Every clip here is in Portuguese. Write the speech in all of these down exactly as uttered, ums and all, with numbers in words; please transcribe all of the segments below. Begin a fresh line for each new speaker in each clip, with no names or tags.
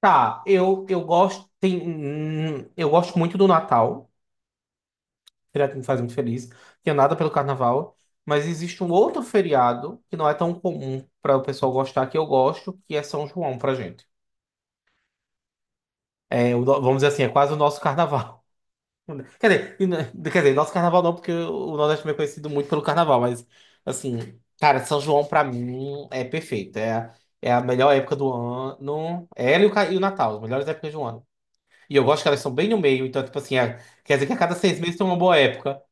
Tá, eu, eu gosto tem, hum, eu gosto muito do Natal, feriado que me faz muito feliz, que é nada pelo Carnaval, mas existe um outro feriado que não é tão comum para o pessoal gostar que eu gosto, que é São João pra gente. É, o no- vamos dizer assim, é quase o nosso Carnaval. Quer dizer, e não- quer dizer, nosso Carnaval não, porque o Nordeste também é conhecido muito pelo Carnaval, mas assim, cara, São João pra mim é perfeito, é, a- é a melhor época do ano, é ela e o, ca- e o Natal, as melhores épocas do ano. E eu gosto que elas são bem no meio, então, tipo assim, ah, quer dizer que a cada seis meses tem uma boa época.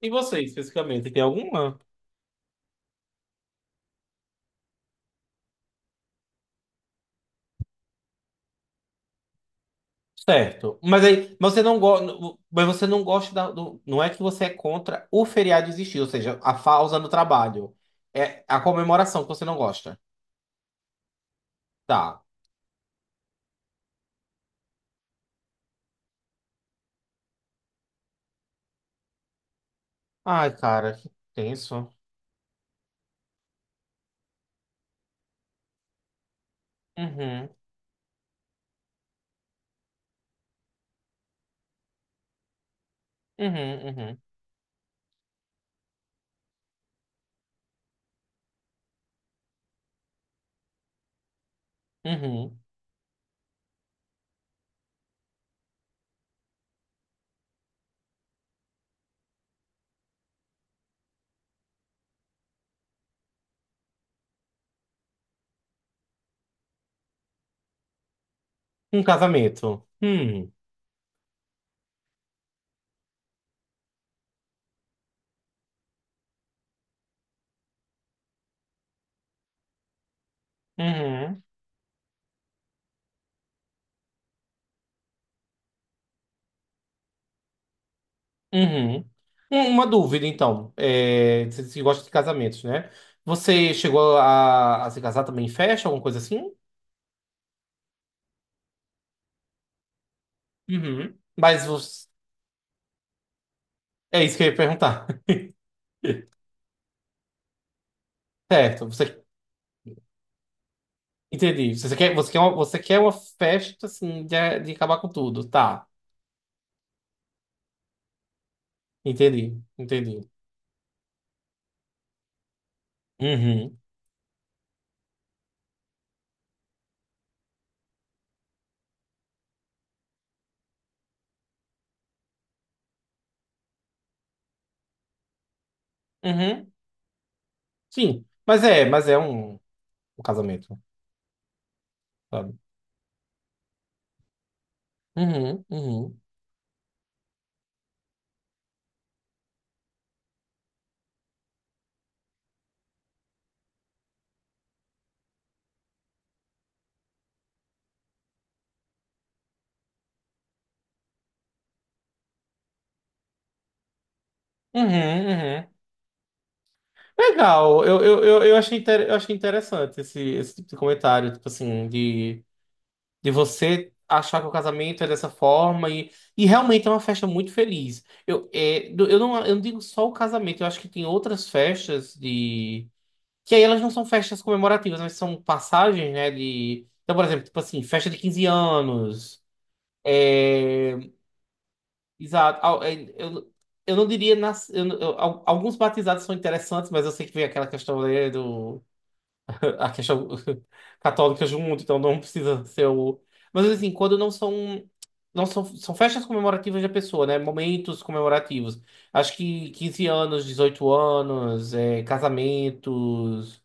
E você, especificamente, tem alguma? Certo. Mas aí, mas você não gosta, mas você não gosta da, do- não é que você é contra o feriado existir, ou seja, a pausa no trabalho. É a comemoração que você não gosta. Tá. Ai, cara, que tenso. Uhum, uhum, uhum, uhum. Um casamento. Hum, uhum. Uhum. Um- Uma dúvida, então. É, você você gosta de casamentos, né? Você chegou a, a se casar também em festa, alguma coisa assim? Uhum. Mas você- é isso que eu ia perguntar. Certo, você entendi. Você quer, você quer uma, você quer uma festa assim de, de acabar com tudo, tá? Entendi, entendi. Uhum, uhum. Sim, mas é, mas é um, um casamento, sabe? Uhum, uhum, uhum, uhum. Legal, eu, eu, eu, eu achei, inter- eu achei interessante esse, esse tipo de comentário, tipo assim, de, de você achar que o casamento é dessa forma e, e realmente é uma festa muito feliz. Eu, é, do- eu, não, eu não digo só o casamento, eu acho que tem outras festas de... que aí elas não são festas comemorativas, mas são passagens, né, de... Então, por exemplo, tipo assim, festa de quinze anos, é, exato, Al- é, eu, eu não diria... Nas, eu eu- al- alguns batizados são interessantes, mas eu sei que vem aquela questão né, do... Há questões católicas do mundo, então não precisa ser o. Mas assim, quando não são. Não são, são festas comemorativas da pessoa, né? Momentos comemorativos. Acho que quinze anos, dezoito anos, é, casamentos.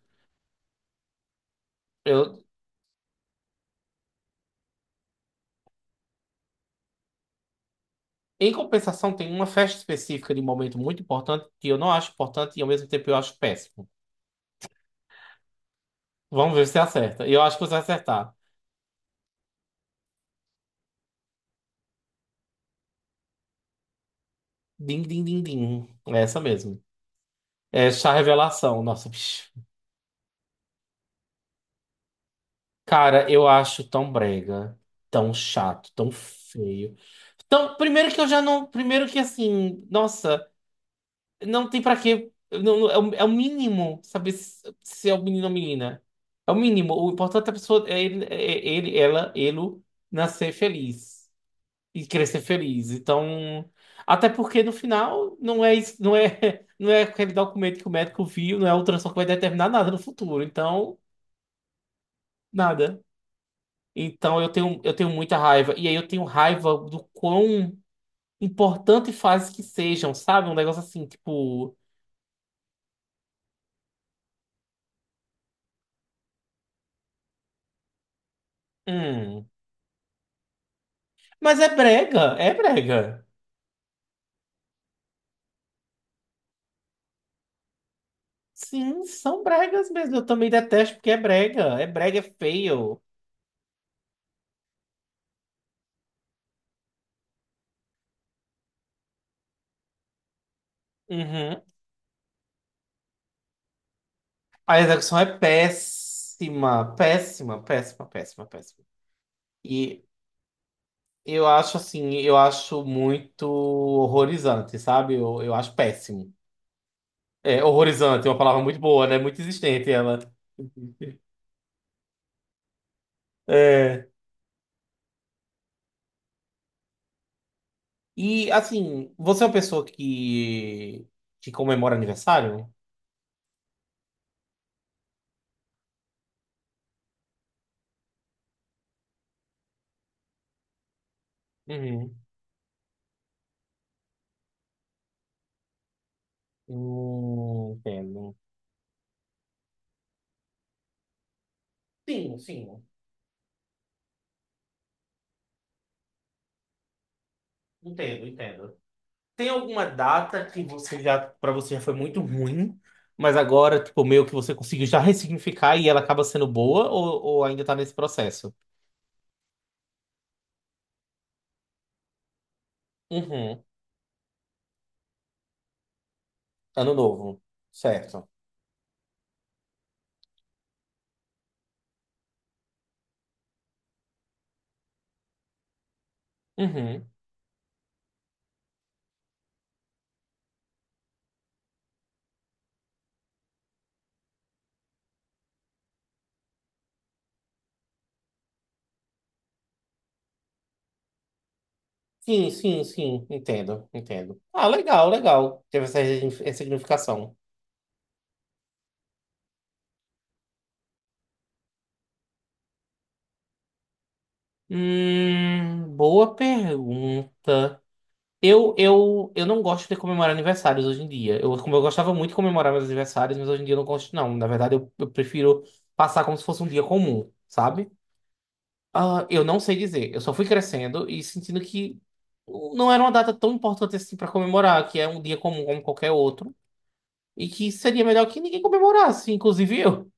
Eu, em compensação, tem uma festa específica de momento muito importante que eu não acho importante e ao mesmo tempo eu acho péssimo. Vamos ver se você acerta. Eu acho que você vai acertar. Din, din, din, din. É essa mesmo. É chá revelação. Nossa, bicho. Cara, eu acho tão brega, tão chato, tão feio. Então, primeiro que eu já não. Primeiro que assim, nossa, não tem pra quê. Não, não- é, o, é o mínimo saber se, se é o menino ou menina. É o mínimo. O importante é a pessoa, é ele, é é ele, ela, ele nascer feliz e crescer feliz. Então, até porque no final não é isso, não é, não é aquele documento que o médico viu, não é a ultrassom que vai determinar nada no futuro. Então, nada. Então eu tenho, eu tenho muita raiva. E aí eu tenho raiva do quão importante faz que sejam, sabe? Um negócio assim, tipo. Hum. Mas é brega, é brega. Sim, são bregas mesmo. Eu também detesto porque é brega. É brega, é feio. Uhum. A execução é péssima, péssima, péssima, péssima, péssima. E eu acho assim, eu acho muito horrorizante, sabe? Eu, eu acho péssimo. É, horrorizante é uma palavra muito boa, né? Muito existente ela. É. E assim, você é uma pessoa que, que comemora aniversário? Uhum. Hum, entendo. Sim, sim. Entendo, entendo. Tem alguma data que você já, para você já foi muito ruim, mas agora, tipo, meio que você conseguiu já ressignificar e ela acaba sendo boa ou, ou ainda tá nesse processo? Uhum. Ano novo. Certo. Uhum. Sim, sim, sim. Entendo, entendo. Ah, legal, legal. Teve essa ressignificação. Hum, boa pergunta. Eu, eu, eu não gosto de comemorar aniversários hoje em dia. Eu, como eu gostava muito de comemorar meus aniversários, mas hoje em dia eu não gosto, não. Na verdade, eu, eu prefiro passar como se fosse um dia comum, sabe? Ah, eu não sei dizer. Eu só fui crescendo e sentindo que não era uma data tão importante assim para comemorar, que é um dia comum como qualquer outro, e que seria melhor que ninguém comemorasse, inclusive eu.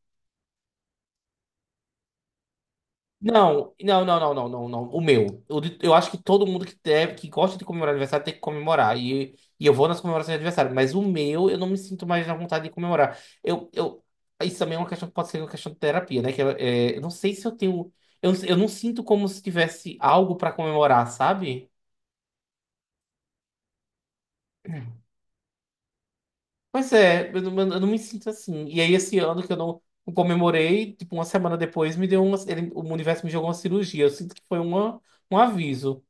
Não, não, não, não, não, não, não. O meu. O de- Eu, acho que todo mundo que deve, que gosta de comemorar aniversário tem que comemorar. E, e eu vou nas comemorações de aniversário. Mas o meu, eu não me sinto mais na vontade de comemorar. Eu, eu, isso também é uma questão que pode ser uma questão de terapia, né? Que eu, é, eu não sei se eu tenho. Eu, eu não sinto como se tivesse algo pra comemorar, sabe? Pois é, eu não, eu não me sinto assim. E aí, esse ano que eu não, não comemorei, tipo, uma semana depois, me deu uma. ele- o universo me jogou uma cirurgia. Eu sinto que foi uma, um aviso.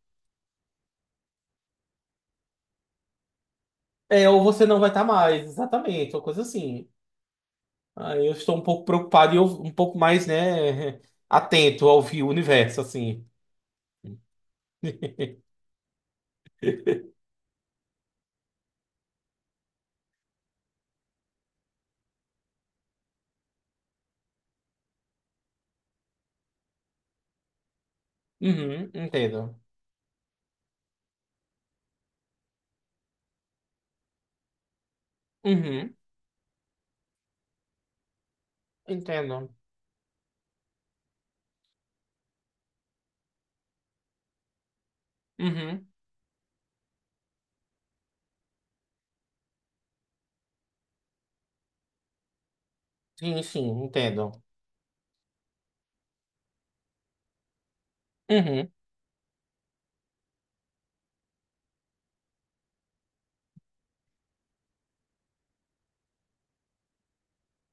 É, ou você não vai estar mais, exatamente, uma coisa assim. Aí eu estou um pouco preocupado e eu, um pouco mais, né, atento ao vi- universo, assim. Uhum, entendo. Uhum, entendo. Uhum, sim, sim, entendo. Uhum,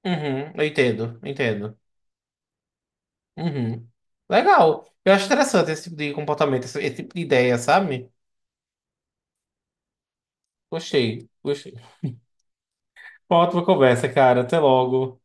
uhum, eu entendo, entendo. Uhum. Legal. Eu acho interessante esse tipo de comportamento, esse, esse tipo de ideia, sabe? Gostei, gostei. Uma ótima conversa, cara. Até logo.